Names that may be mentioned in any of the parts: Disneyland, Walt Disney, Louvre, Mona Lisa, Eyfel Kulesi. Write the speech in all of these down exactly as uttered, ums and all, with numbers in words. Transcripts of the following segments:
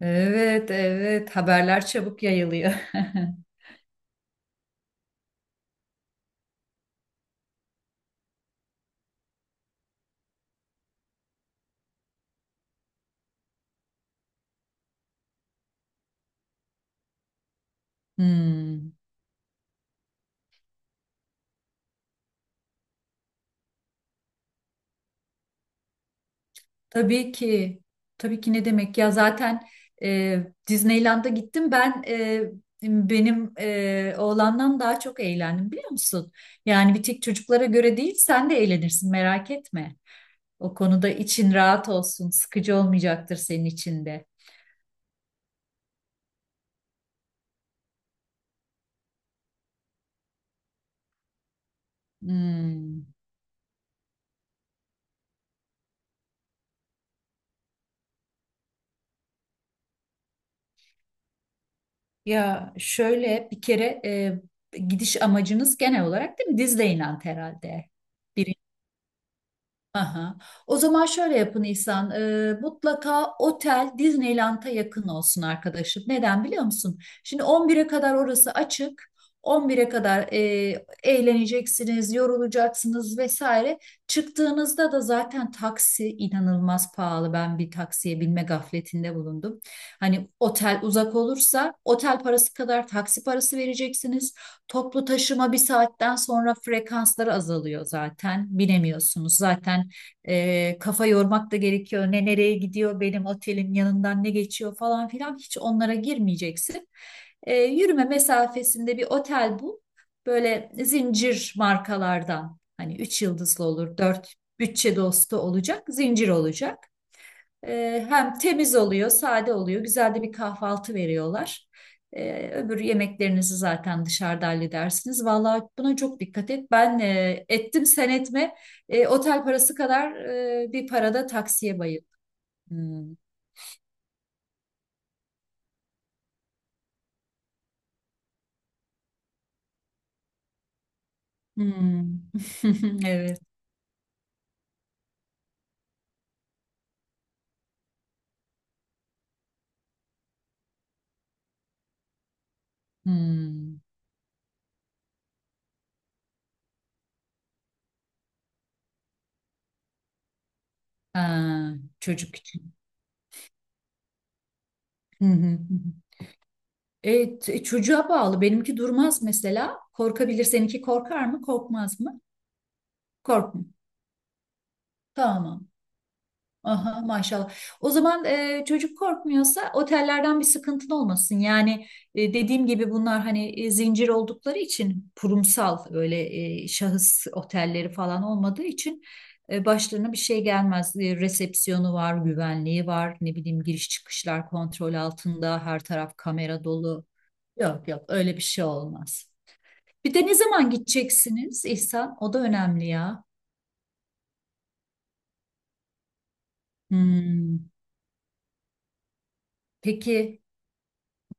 Evet, evet. Haberler çabuk yayılıyor. Hmm. Tabii ki. Tabii ki ne demek ya zaten e, Disneyland'a gittim ben, e, benim e, oğlandan daha çok eğlendim biliyor musun? Yani bir tek çocuklara göre değil, sen de eğlenirsin merak etme. O konuda için rahat olsun, sıkıcı olmayacaktır senin için de. Hmm. Ya şöyle bir kere e, gidiş amacınız genel olarak değil mi? Disneyland herhalde. Aha. O zaman şöyle yapın İhsan. Ee, mutlaka otel Disneyland'a yakın olsun arkadaşım. Neden biliyor musun? Şimdi on bire kadar orası açık. on bire kadar e, eğleneceksiniz, yorulacaksınız vesaire. Çıktığınızda da zaten taksi inanılmaz pahalı. Ben bir taksiye binme gafletinde bulundum. Hani otel uzak olursa otel parası kadar taksi parası vereceksiniz. Toplu taşıma bir saatten sonra frekansları azalıyor zaten. Binemiyorsunuz zaten, e, kafa yormak da gerekiyor. Ne nereye gidiyor, benim otelin yanından ne geçiyor falan filan, hiç onlara girmeyeceksin. E, yürüme mesafesinde bir otel bul. Böyle zincir markalardan, hani üç yıldızlı olur, dört, bütçe dostu olacak, zincir olacak. Ee, hem temiz oluyor, sade oluyor. Güzel de bir kahvaltı veriyorlar. Ee, öbür yemeklerinizi zaten dışarıda halledersiniz. Vallahi buna çok dikkat et. Ben e, ettim, sen etme. E, otel parası kadar e, bir parada taksiye bayıldım. Hmm. Hmm. Evet. Hmm. Ha, çocuk için. Hı hı. Hı hı. E, t- e, çocuğa bağlı. Benimki durmaz mesela. Korkabilir. Seninki korkar mı? Korkmaz mı? Korkmuyor. Tamam. Aha, maşallah. O zaman, e, çocuk korkmuyorsa otellerden bir sıkıntın olmasın. Yani e, dediğim gibi bunlar hani e, zincir oldukları için kurumsal, öyle e, şahıs otelleri falan olmadığı için e, başlarına bir şey gelmez. E, resepsiyonu var, güvenliği var, ne bileyim giriş çıkışlar kontrol altında, her taraf kamera dolu. Yok yok, öyle bir şey olmaz. Bir de ne zaman gideceksiniz İhsan? O da önemli ya. Hmm. Peki.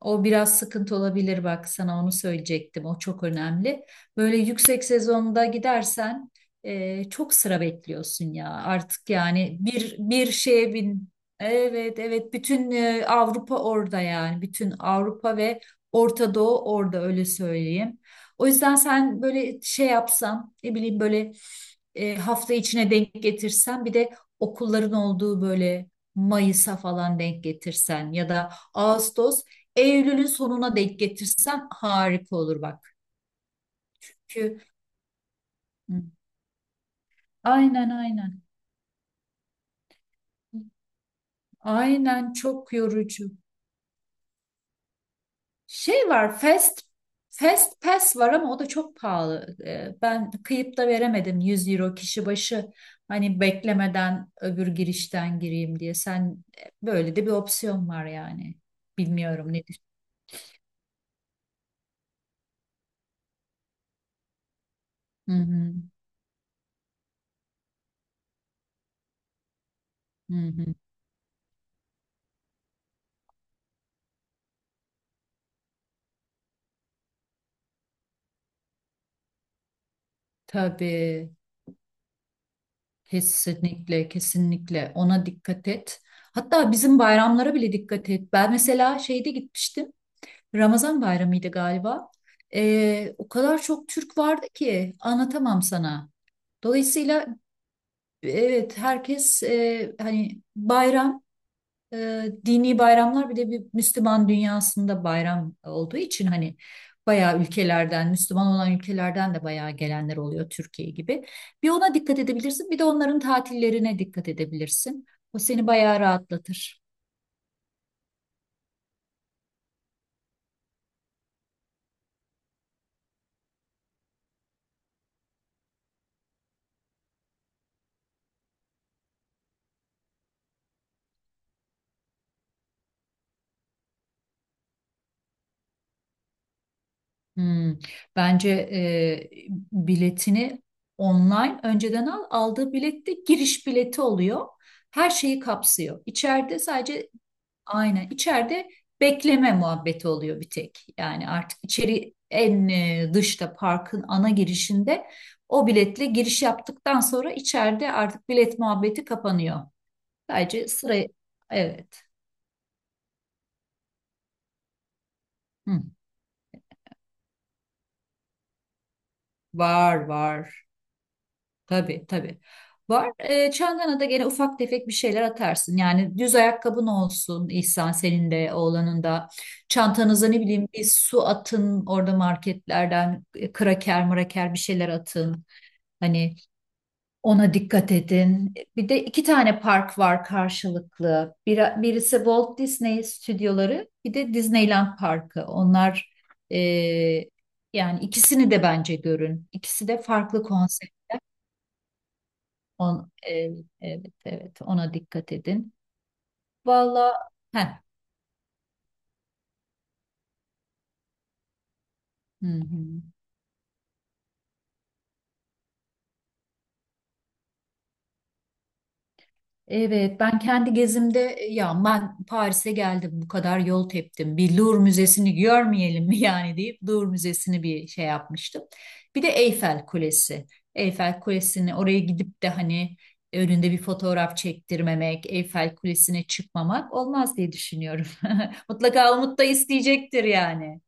O biraz sıkıntı olabilir, bak sana onu söyleyecektim. O çok önemli. Böyle yüksek sezonda gidersen e, çok sıra bekliyorsun ya artık, yani bir bir şeye bin. Evet evet, bütün e, Avrupa orada, yani bütün Avrupa ve Orta Doğu orada, öyle söyleyeyim. O yüzden sen böyle şey yapsan, ne bileyim, böyle e, hafta içine denk getirsen, bir de okulların olduğu, böyle Mayıs'a falan denk getirsen ya da Ağustos Eylül'ün sonuna denk getirsem harika olur bak. Çünkü Hı. Aynen aynen. Aynen, çok yorucu. Şey var, fast fast pass var ama o da çok pahalı. Ee, Ben kıyıp da veremedim, yüz euro kişi başı. Hani beklemeden öbür girişten gireyim diye. Sen, böyle de bir opsiyon var yani. Bilmiyorum nedir. Hı hı. Hı hı. Tabii. Kesinlikle, kesinlikle ona dikkat et. Hatta bizim bayramlara bile dikkat et. Ben mesela şeyde gitmiştim. Ramazan bayramıydı galiba. Ee, o kadar çok Türk vardı ki anlatamam sana. Dolayısıyla evet, herkes e, hani bayram, e, dini bayramlar, bir de bir Müslüman dünyasında bayram olduğu için hani bayağı ülkelerden, Müslüman olan ülkelerden de bayağı gelenler oluyor Türkiye gibi. Bir ona dikkat edebilirsin, bir de onların tatillerine dikkat edebilirsin. O seni bayağı rahatlatır. Hmm. Bence e, biletini online önceden al. Aldığı bilet de giriş bileti oluyor. Her şeyi kapsıyor. İçeride sadece Aynen. İçeride bekleme muhabbeti oluyor bir tek. Yani artık içeri en e, dışta, parkın ana girişinde o biletle giriş yaptıktan sonra içeride artık bilet muhabbeti kapanıyor. Sadece sıraya evet. Hı. Var var. Tabii tabii. Var. E, çantana da gene ufak tefek bir şeyler atarsın. Yani düz ayakkabın olsun İhsan, senin de oğlanın da. Çantanıza, ne bileyim, bir su atın, orada marketlerden e, kraker mraker bir şeyler atın. Hani ona dikkat edin. Bir de iki tane park var karşılıklı. Bir, birisi Walt Disney stüdyoları, bir de Disneyland Parkı. Onlar, e, yani ikisini de bence görün. İkisi de farklı konsept. On, e, evet evet, ona dikkat edin. Valla, heh, hı hı. Evet, ben kendi gezimde, e, ya ben Paris'e geldim bu kadar yol teptim, bir Louvre Müzesi'ni görmeyelim mi yani deyip Louvre Müzesi'ni bir şey yapmıştım. Bir de Eyfel Kulesi. Eyfel Kulesi'ni oraya gidip de hani önünde bir fotoğraf çektirmemek, Eyfel Kulesi'ne çıkmamak olmaz diye düşünüyorum. Mutlaka Umut da isteyecektir yani.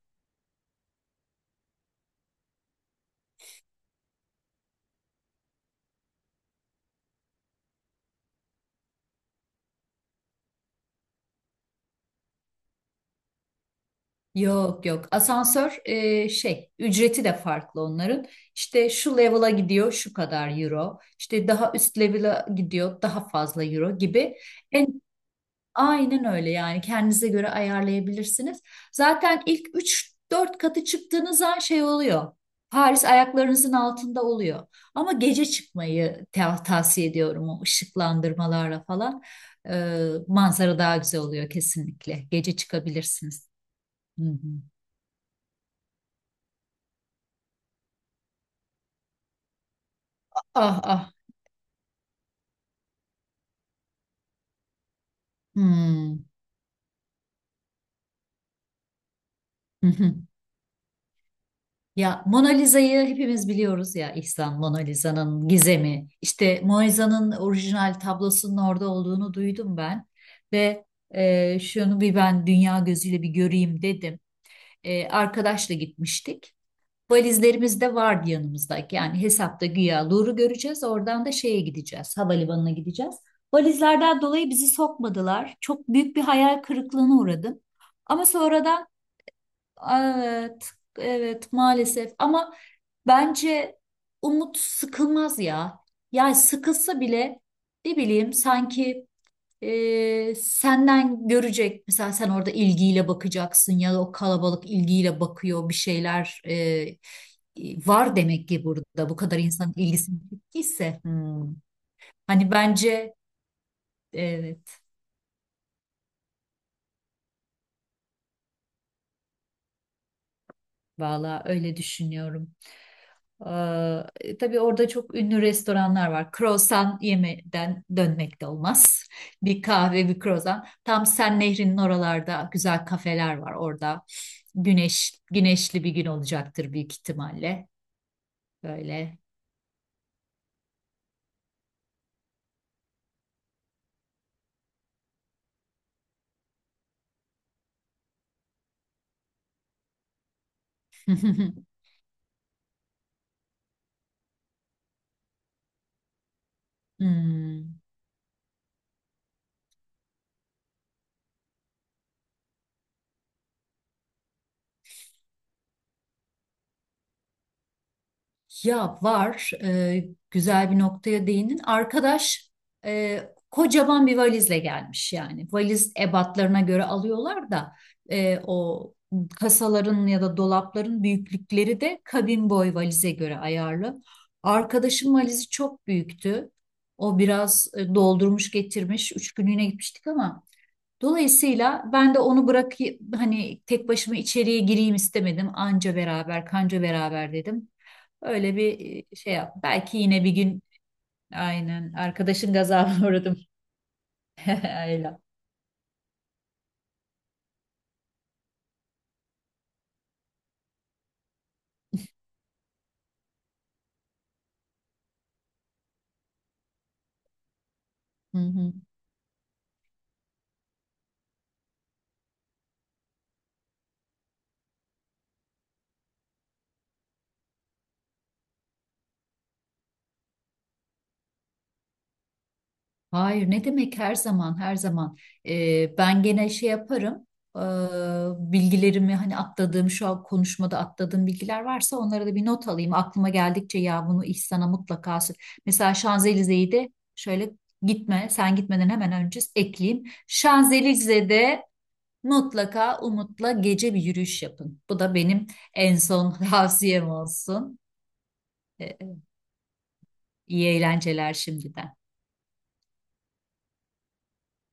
Yok yok, asansör e, şey ücreti de farklı onların, işte şu level'a gidiyor şu kadar euro, işte daha üst level'a gidiyor daha fazla euro gibi, en aynen öyle, yani kendinize göre ayarlayabilirsiniz. Zaten ilk üç dört katı çıktığınız an şey oluyor, Paris ayaklarınızın altında oluyor. Ama gece çıkmayı ta- tavsiye ediyorum, o ışıklandırmalarla falan. Ee, manzara daha güzel oluyor, kesinlikle gece çıkabilirsiniz. Hı hı. Ah ah. Hmm. Hı hı. Ya Mona Lisa'yı hepimiz biliyoruz ya İhsan, Mona Lisa'nın gizemi. İşte Mona Lisa'nın orijinal tablosunun orada olduğunu duydum ben ve e, şunu bir ben dünya gözüyle bir göreyim dedim. E, arkadaşla gitmiştik. Valizlerimiz de vardı yanımızdaki. Yani hesapta güya Louvre'u göreceğiz. Oradan da şeye gideceğiz. Havalimanına gideceğiz. Valizlerden dolayı bizi sokmadılar. Çok büyük bir hayal kırıklığına uğradım. Ama sonradan, evet, evet maalesef. Ama bence Umut sıkılmaz ya. Yani sıkılsa bile, ne bileyim, sanki e, senden görecek. Mesela sen orada ilgiyle bakacaksın ya da o kalabalık ilgiyle bakıyor, bir şeyler e, e, var demek ki burada, bu kadar insanın ilgisini çektiyse. Hmm. Hani bence evet, valla öyle düşünüyorum. Ee, tabii orada çok ünlü restoranlar var. Croissant yemeden dönmek de olmaz. Bir kahve, bir croissant. Tam Sen Nehri'nin oralarda güzel kafeler var orada. Güneş, güneşli bir gün olacaktır büyük ihtimalle. Böyle. Hmm. Ya var, e, güzel bir noktaya değindin. Arkadaş, e, kocaman bir valizle gelmiş yani. Valiz ebatlarına göre alıyorlar da e, o kasaların ya da dolapların büyüklükleri de kabin boy valize göre ayarlı. Arkadaşın valizi çok büyüktü. O biraz e, doldurmuş getirmiş. Üç günlüğüne gitmiştik ama. Dolayısıyla ben de onu bırak hani tek başıma içeriye gireyim istemedim. Anca beraber, kanca beraber dedim. Öyle bir e, şey yap. Belki yine bir gün aynen arkadaşın gazabına uğradım. Ayla. Hı hı. Hayır, ne demek, her zaman her zaman Ee, ben gene şey yaparım, Ee, bilgilerimi, hani atladığım şu an konuşmada atladığım bilgiler varsa onlara da bir not alayım aklıma geldikçe, ya bunu İhsan'a mutlaka sö- mesela Şanzelize'yi de şöyle gitme, sen gitmeden hemen önce ekleyeyim, Şanzelize'de mutlaka Umut'la gece bir yürüyüş yapın, bu da benim en son tavsiyem olsun. Ee, iyi eğlenceler şimdiden.